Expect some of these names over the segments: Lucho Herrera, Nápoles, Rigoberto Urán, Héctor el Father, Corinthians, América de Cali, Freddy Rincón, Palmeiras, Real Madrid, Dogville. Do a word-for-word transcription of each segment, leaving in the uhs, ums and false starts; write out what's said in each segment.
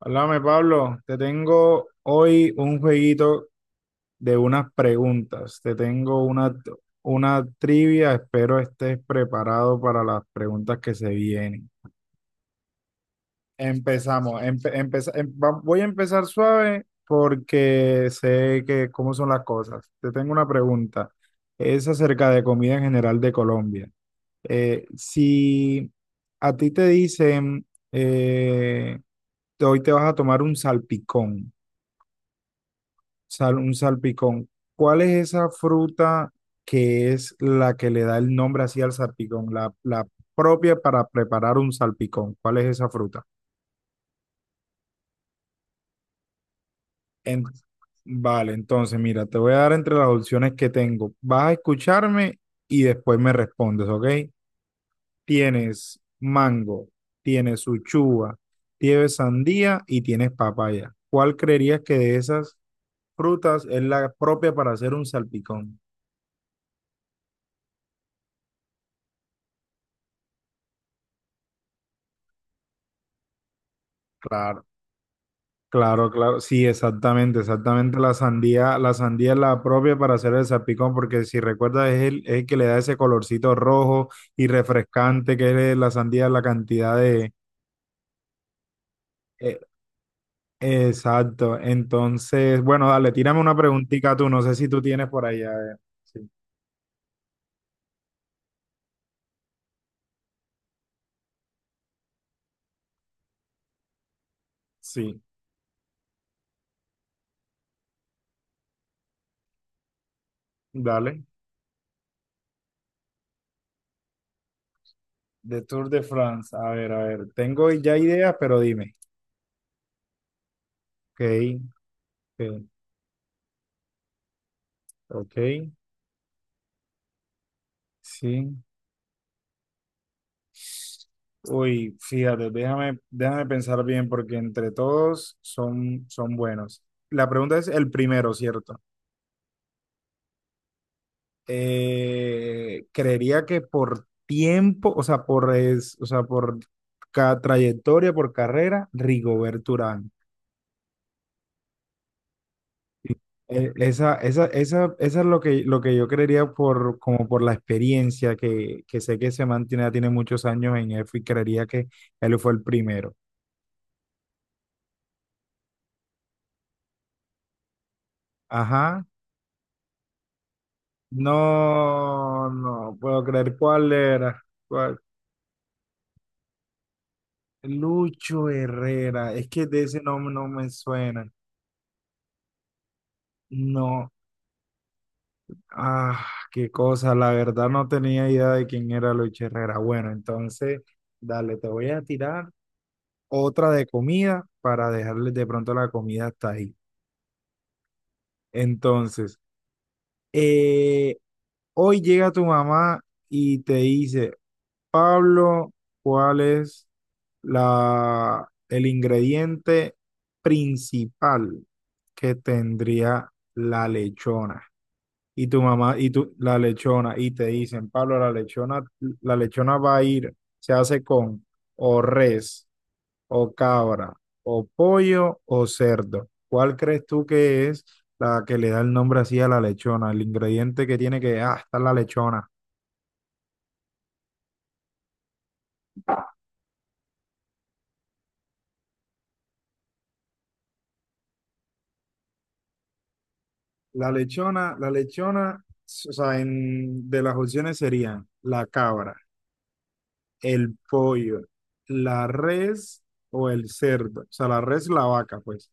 Háblame, Pablo. Te tengo hoy un jueguito de unas preguntas. Te tengo una, una trivia. Espero estés preparado para las preguntas que se vienen. Empezamos. Empe- empeza- em- va- voy a empezar suave porque sé que cómo son las cosas. Te tengo una pregunta. Es acerca de comida en general de Colombia. Eh, si a ti te dicen, eh, hoy te vas a tomar un salpicón. Sal, un salpicón. ¿Cuál es esa fruta que es la que le da el nombre así al salpicón? La, la propia para preparar un salpicón. ¿Cuál es esa fruta? En- vale, entonces mira, te voy a dar entre las opciones que tengo. Vas a escucharme y después me respondes, ¿ok? Tienes mango, tienes uchuva, tienes sandía y tienes papaya. ¿Cuál creerías que de esas frutas es la propia para hacer un salpicón? Claro. Claro, claro, sí, exactamente, exactamente. La sandía, la sandía es la propia para hacer el salpicón, porque si recuerdas es el, es el que le da ese colorcito rojo y refrescante que es la sandía, la cantidad de... eh, exacto. Entonces, bueno, dale, tírame una preguntita tú, no sé si tú tienes por ahí, a ver. Sí, sí, dale. De Tour de France, a ver, a ver. Tengo ya ideas, pero dime. Ok, ok, ok, sí. Uy, fíjate, déjame, déjame pensar bien porque entre todos son, son buenos. La pregunta es el primero, ¿cierto? Eh, creería que por tiempo, o sea, por, es, o sea, por ca- trayectoria, por carrera, Rigoberto Urán. Eh, esa, esa, esa, esa es lo que, lo que yo creería por, como por la experiencia que, que sé que se mantiene, tiene muchos años en F y creería que él fue el primero. Ajá. No, no puedo creer cuál era. ¿Cuál? Lucho Herrera. Es que de ese nombre no me suena. No. Ah, qué cosa. La verdad no tenía idea de quién era Lucho Herrera. Bueno, entonces, dale, te voy a tirar otra de comida para dejarles de pronto la comida hasta ahí. Entonces, eh, hoy llega tu mamá y te dice, Pablo, ¿cuál es la, el ingrediente principal que tendría la lechona? Y tu mamá, y tú, la lechona, y te dicen, Pablo, la lechona, la lechona va a ir, se hace con o res, o cabra, o pollo, o cerdo. ¿Cuál crees tú que es la que le da el nombre así a la lechona? El ingrediente que tiene que, ah, está la lechona. La lechona, la lechona, o sea, en- de las opciones serían la cabra, el pollo, la res o el cerdo. O sea, la res, la vaca, pues.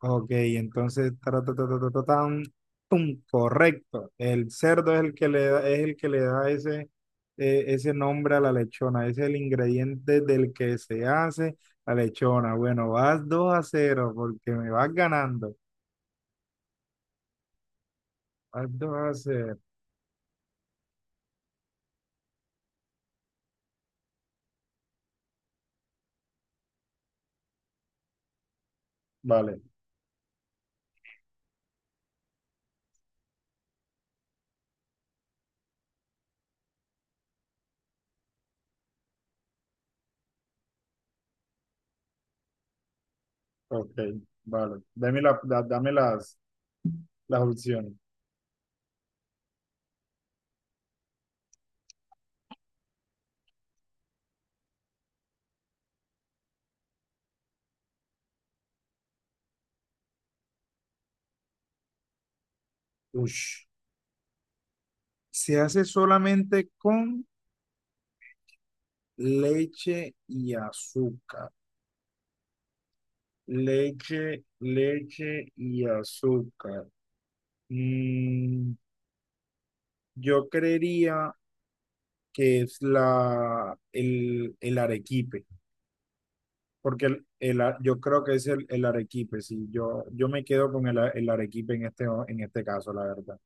Ok, entonces, ta, ta, ta, ta, ta, ta, tan, tum, correcto. El cerdo es el que le da, es el que le da ese, eh, ese nombre a la lechona. Es el ingrediente del que se hace la lechona. Bueno, vas dos a cero porque me vas ganando. Vas dos a cero. Vale. Ok, vale. Dame, la, da- dame las, las opciones. Ush. Se hace solamente con leche y azúcar. Leche, leche y azúcar. Mm, yo creería que es la, el, el arequipe, porque el, el a- yo creo que es el, el arequipe, sí, yo, yo me quedo con el, a- el arequipe en este, en este caso, la verdad.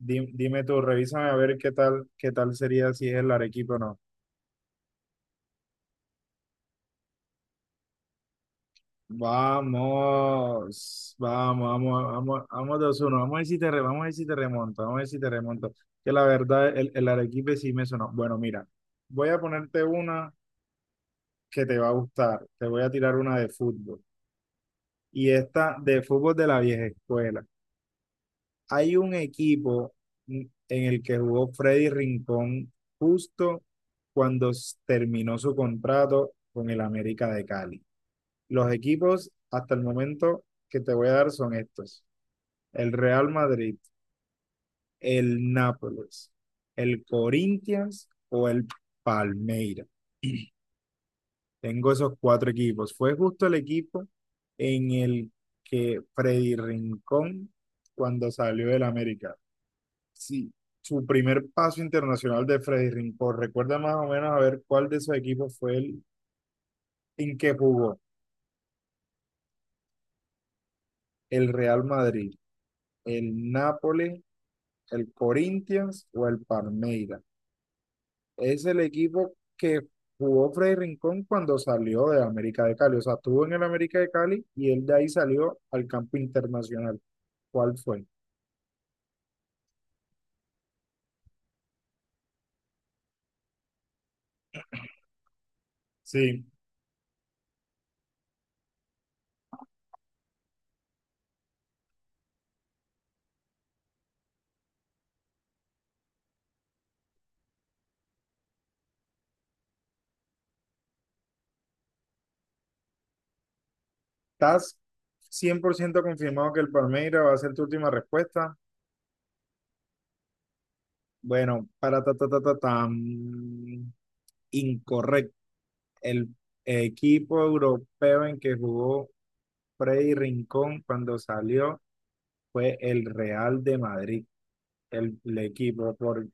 Di- Dime, tú, revísame a ver qué tal, qué tal sería si es el Arequipa o no. Vamos, vamos, vamos, vamos, vamos dos uno. Vamos a ver si te, re- vamos a ver si te remonto, vamos a ver si te remonto. Que la verdad, el, el Arequipe sí me sonó. Bueno, mira, voy a ponerte una que te va a gustar. Te voy a tirar una de fútbol. Y esta de fútbol de la vieja escuela. Hay un equipo en el que jugó Freddy Rincón justo cuando s- terminó su contrato con el América de Cali. Los equipos hasta el momento que te voy a dar son estos. El Real Madrid, el Nápoles, el Corinthians o el Palmeiras. Tengo esos cuatro equipos. Fue justo el equipo en el que Freddy Rincón, cuando salió del América, sí, su primer paso internacional de Freddy Rincón. Recuerda más o menos a ver cuál de esos equipos fue el en que jugó. El Real Madrid, el Nápoles, el Corinthians o el Palmeiras. Es el equipo que jugó Freddy Rincón cuando salió de América de Cali. O sea, estuvo en el América de Cali y él de ahí salió al campo internacional. ¿Cuál fue? Sí, estás cien por ciento confirmado que el Palmeiras va a ser tu última respuesta. Bueno, para ta, ta, ta, ta, tan, incorrecto. El equipo europeo en que jugó Freddy Rincón cuando salió fue el Real de Madrid. El, el equipo por,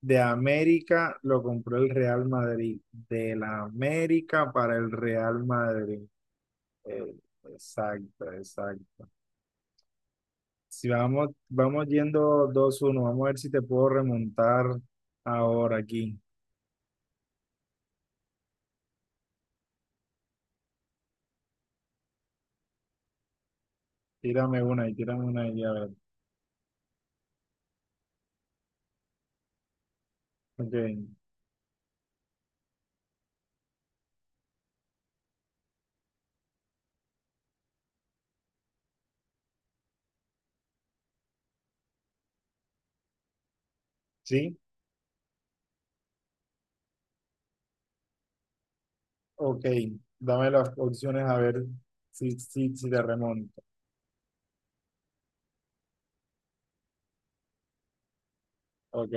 de América lo compró el Real Madrid. De la América para el Real Madrid. Eh, exacto, exacto. Si vamos, vamos yendo dos uno, vamos a ver si te puedo remontar ahora aquí. Tírame una y tírame una y a ver. Ok. ¿Sí? Ok. Dame las opciones a ver si, si, si te remonto. Ok,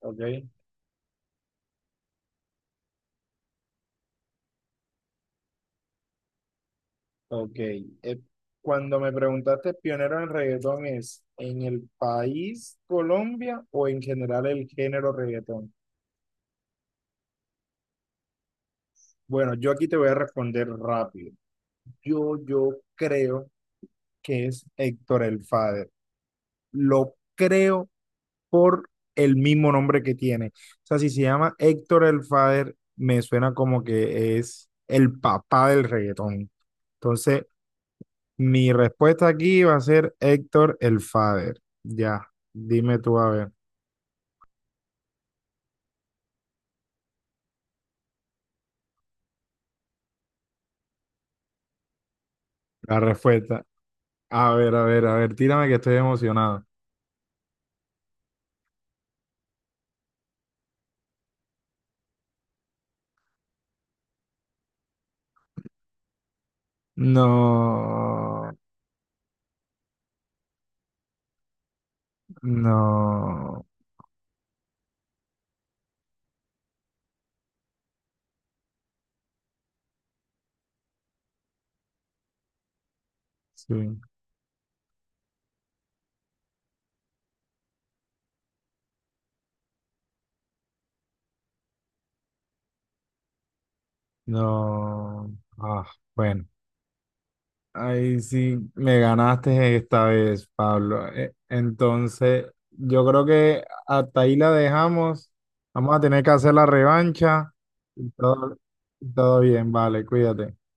ok, ok. Eh, cuando me preguntaste pionero en reggaetón, ¿es en el país Colombia o en general el género reggaetón? Bueno, yo aquí te voy a responder rápido. Yo, yo creo que es Héctor el Father. Lo creo por el mismo nombre que tiene. O sea, si se llama Héctor el Father, me suena como que es el papá del reggaetón. Entonces, mi respuesta aquí va a ser Héctor el Father. Ya, dime tú a ver la respuesta. A ver, a ver, a ver, tírame que estoy emocionado. No, no, sí, no. Ah, bueno. Ahí sí me ganaste esta vez, Pablo. Eh, Entonces, yo creo que hasta ahí la dejamos. Vamos a tener que hacer la revancha. Todo, todo bien, vale, cuídate.